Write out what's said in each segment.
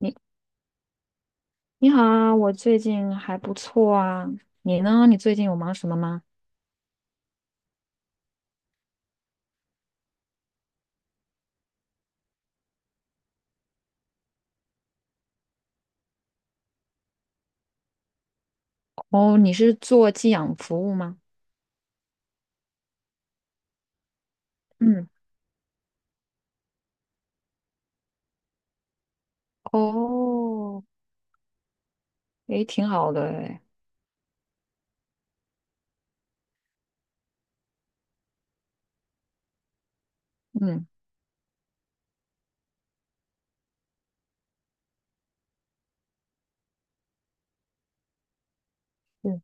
你你好啊，我最近还不错啊。你呢？你最近有忙什么吗？哦，你是做寄养服务吗？嗯，哦，诶，挺好的诶。嗯，嗯，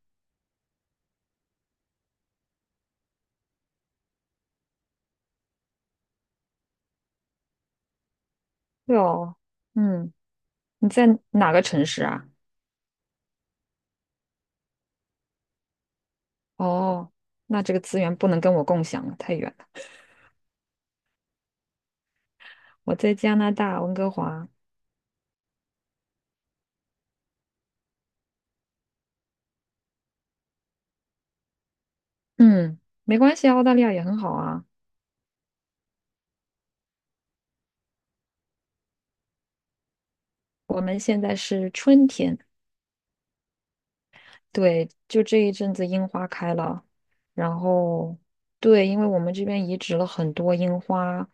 对哦，嗯，你在哪个城市啊？哦，那这个资源不能跟我共享了，太远了。我在加拿大温哥华。嗯，没关系啊，澳大利亚也很好啊。我们现在是春天。对，就这一阵子樱花开了，然后对，因为我们这边移植了很多樱花，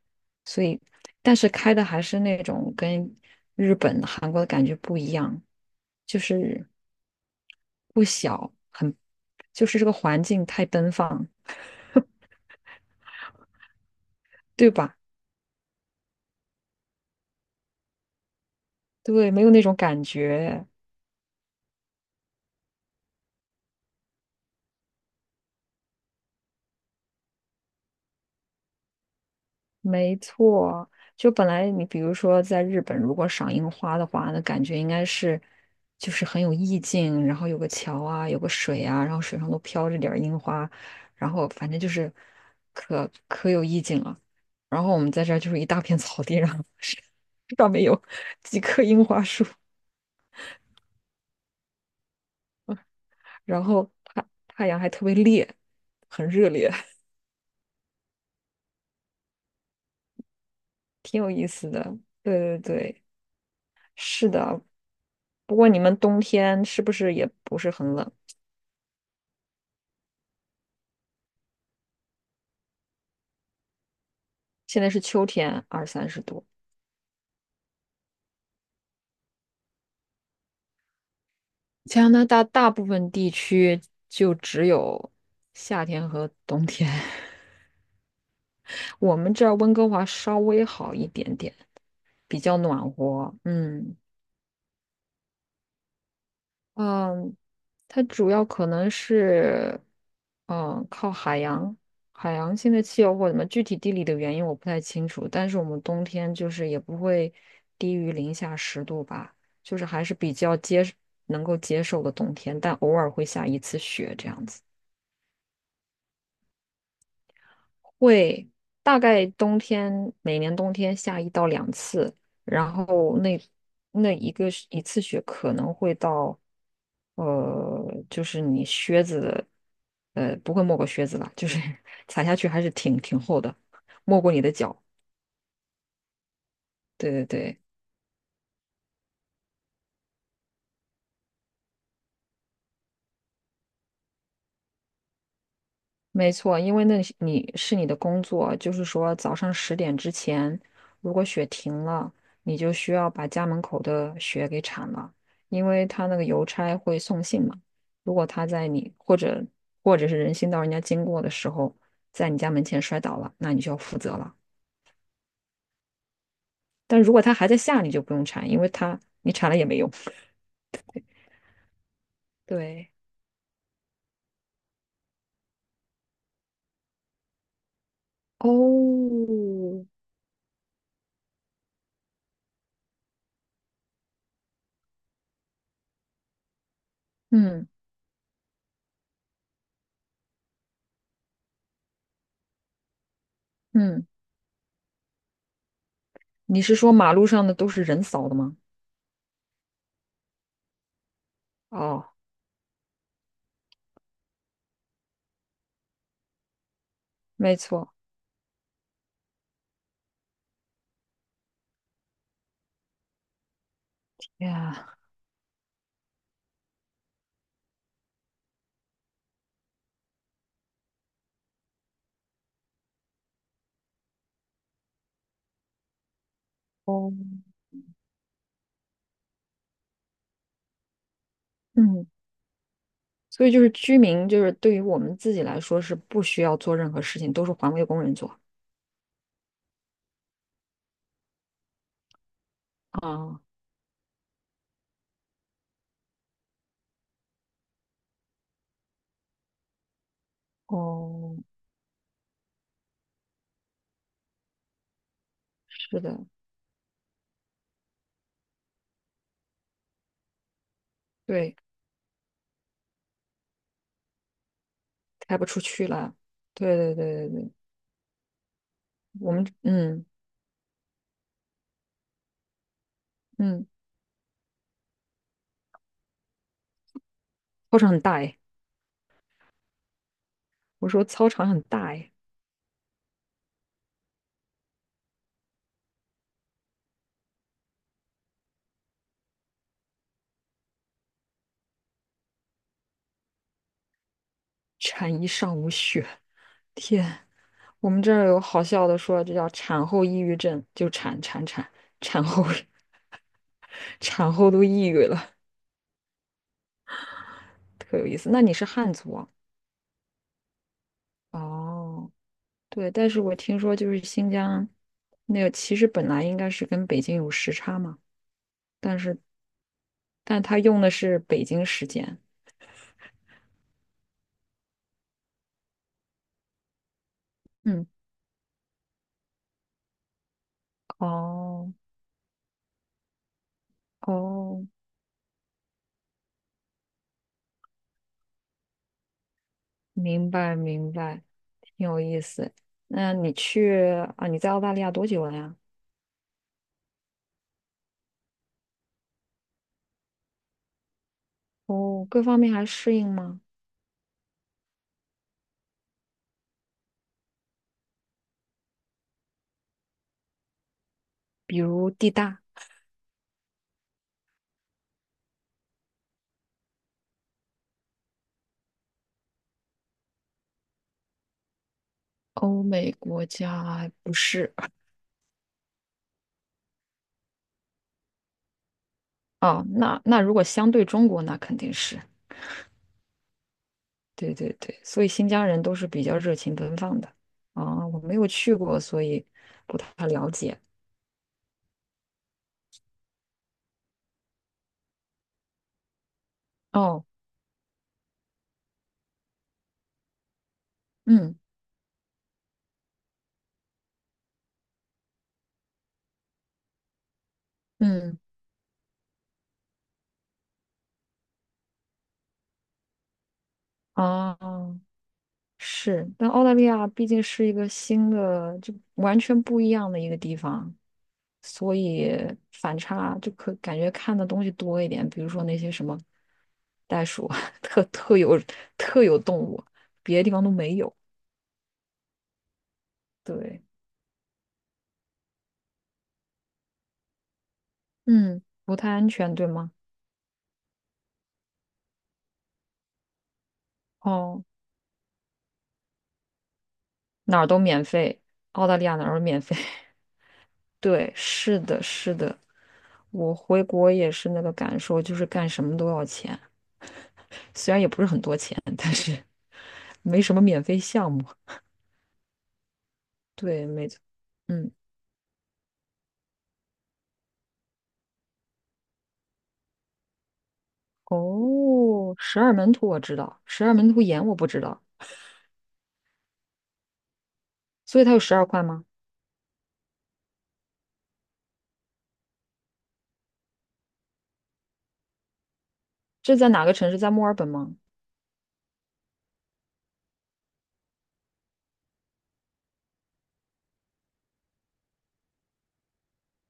所以但是开的还是那种跟日本、韩国的感觉不一样，就是不小，很，就是这个环境太奔放，对吧？对，没有那种感觉。没错，就本来你比如说在日本，如果赏樱花的话，那感觉应该是就是很有意境，然后有个桥啊，有个水啊，然后水上都飘着点儿樱花，然后反正就是可有意境了。然后我们在这儿就是一大片草地，上，是上面有几棵樱花树，然后太阳还特别烈，很热烈，挺有意思的。对对对，是的。不过你们冬天是不是也不是很冷？现在是秋天，20-30度。加拿大大部分地区就只有夏天和冬天。我们这儿温哥华稍微好一点点，比较暖和。嗯，嗯，它主要可能是，嗯，靠海洋、海洋性的气候或者什么具体地理的原因我不太清楚，但是我们冬天就是也不会低于-10度吧，就是还是比较能够接受的冬天，但偶尔会下一次雪这样子。会大概冬天每年冬天下1到2次，然后那一个是一次雪可能会到，呃，就是你靴子的，呃，不会没过靴子吧？就是 踩下去还是挺厚的，没过你的脚。对对对，没错，因为那是你的工作，就是说早上10点之前，如果雪停了，你就需要把家门口的雪给铲了，因为他那个邮差会送信嘛。如果他在你或者是人行道人家经过的时候，在你家门前摔倒了，那你就要负责了。但如果他还在下，你就不用铲，因为他你铲了也没用。对，哦，嗯嗯，你是说马路上的都是人扫的吗？哦，没错。呀。哦，嗯，所以就是居民，就是对于我们自己来说是不需要做任何事情，都是环卫工人做。啊，哦，是的，对，开不出去了。对对对对对，我们嗯嗯，操场很大哎，我说操场很大哎，铲一上午雪，我们这儿有好笑的说，这叫产后抑郁症，就产后 产后都抑郁了，特有意思。那你是汉族啊？哦。对，但是我听说就是新疆那个，其实本来应该是跟北京有时差嘛，但是但他用的是北京时间。嗯，哦哦，明白明白，挺有意思。那你去啊？你在澳大利亚多久了呀？哦，各方面还适应吗？比如地大？欧美国家不是，哦，那如果相对中国，那肯定是。对对对，所以新疆人都是比较热情奔放的啊，我没有去过，所以不太了解。哦，嗯嗯，啊，是，但澳大利亚毕竟是一个新的，就完全不一样的一个地方，所以反差就可感觉看的东西多一点，比如说那些什么袋鼠啊，特有特有动物，别的地方都没有。对，嗯，不太安全，对吗？哦。哪儿都免费，澳大利亚哪儿都免费。对，是的，是的，我回国也是那个感受，就是干什么都要钱，虽然也不是很多钱，但是没什么免费项目。对，没错，嗯，哦，十二门徒我知道，十二门徒岩我不知道，所以它有12块吗？这在哪个城市？在墨尔本吗？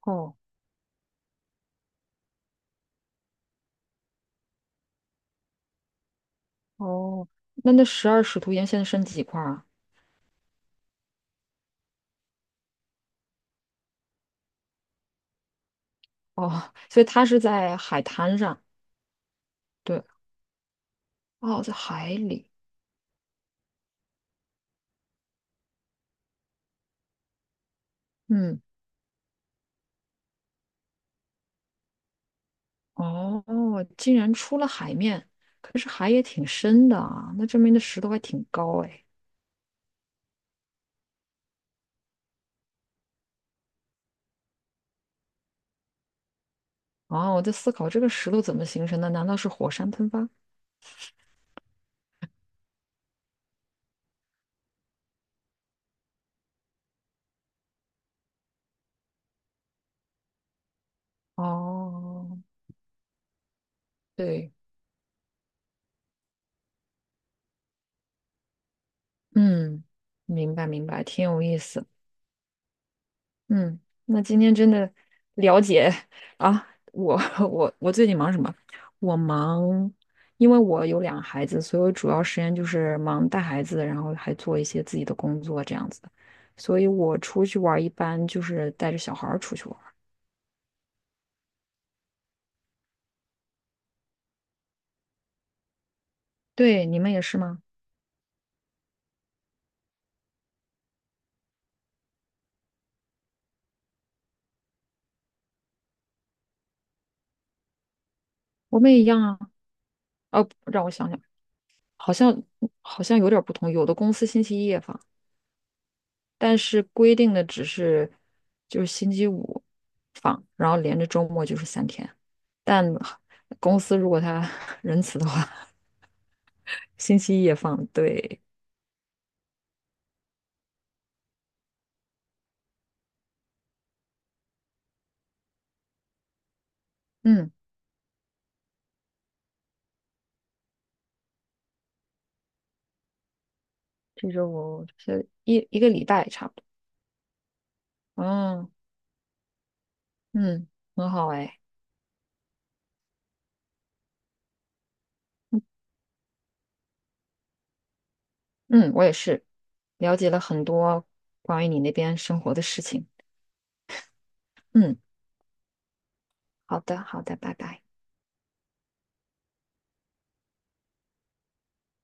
哦哦，那十二使徒岩现在剩几块啊？哦，所以它是在海滩上，对，哦，在海里，嗯。哦，竟然出了海面，可是海也挺深的啊，那证明那石头还挺高哎。啊，我在思考这个石头怎么形成的？难道是火山喷发？哦，对，嗯，明白明白，挺有意思。嗯，那今天真的了解啊，我 我我最近忙什么？我忙，因为我有2个孩子，所以我主要时间就是忙带孩子，然后还做一些自己的工作这样子。所以我出去玩儿一般就是带着小孩儿出去玩儿。对，你们也是吗？我们也一样啊。哦，让我想想，好像好像有点儿不同。有的公司星期一也放。但是规定的只是就是星期五放，然后连着周末就是3天。但公司如果他 仁慈的话，星期一也放。对，嗯，这周我是一个礼拜差不多。嗯嗯，很好哎。嗯，我也是了解了很多关于你那边生活的事情。嗯，好的好的，拜拜。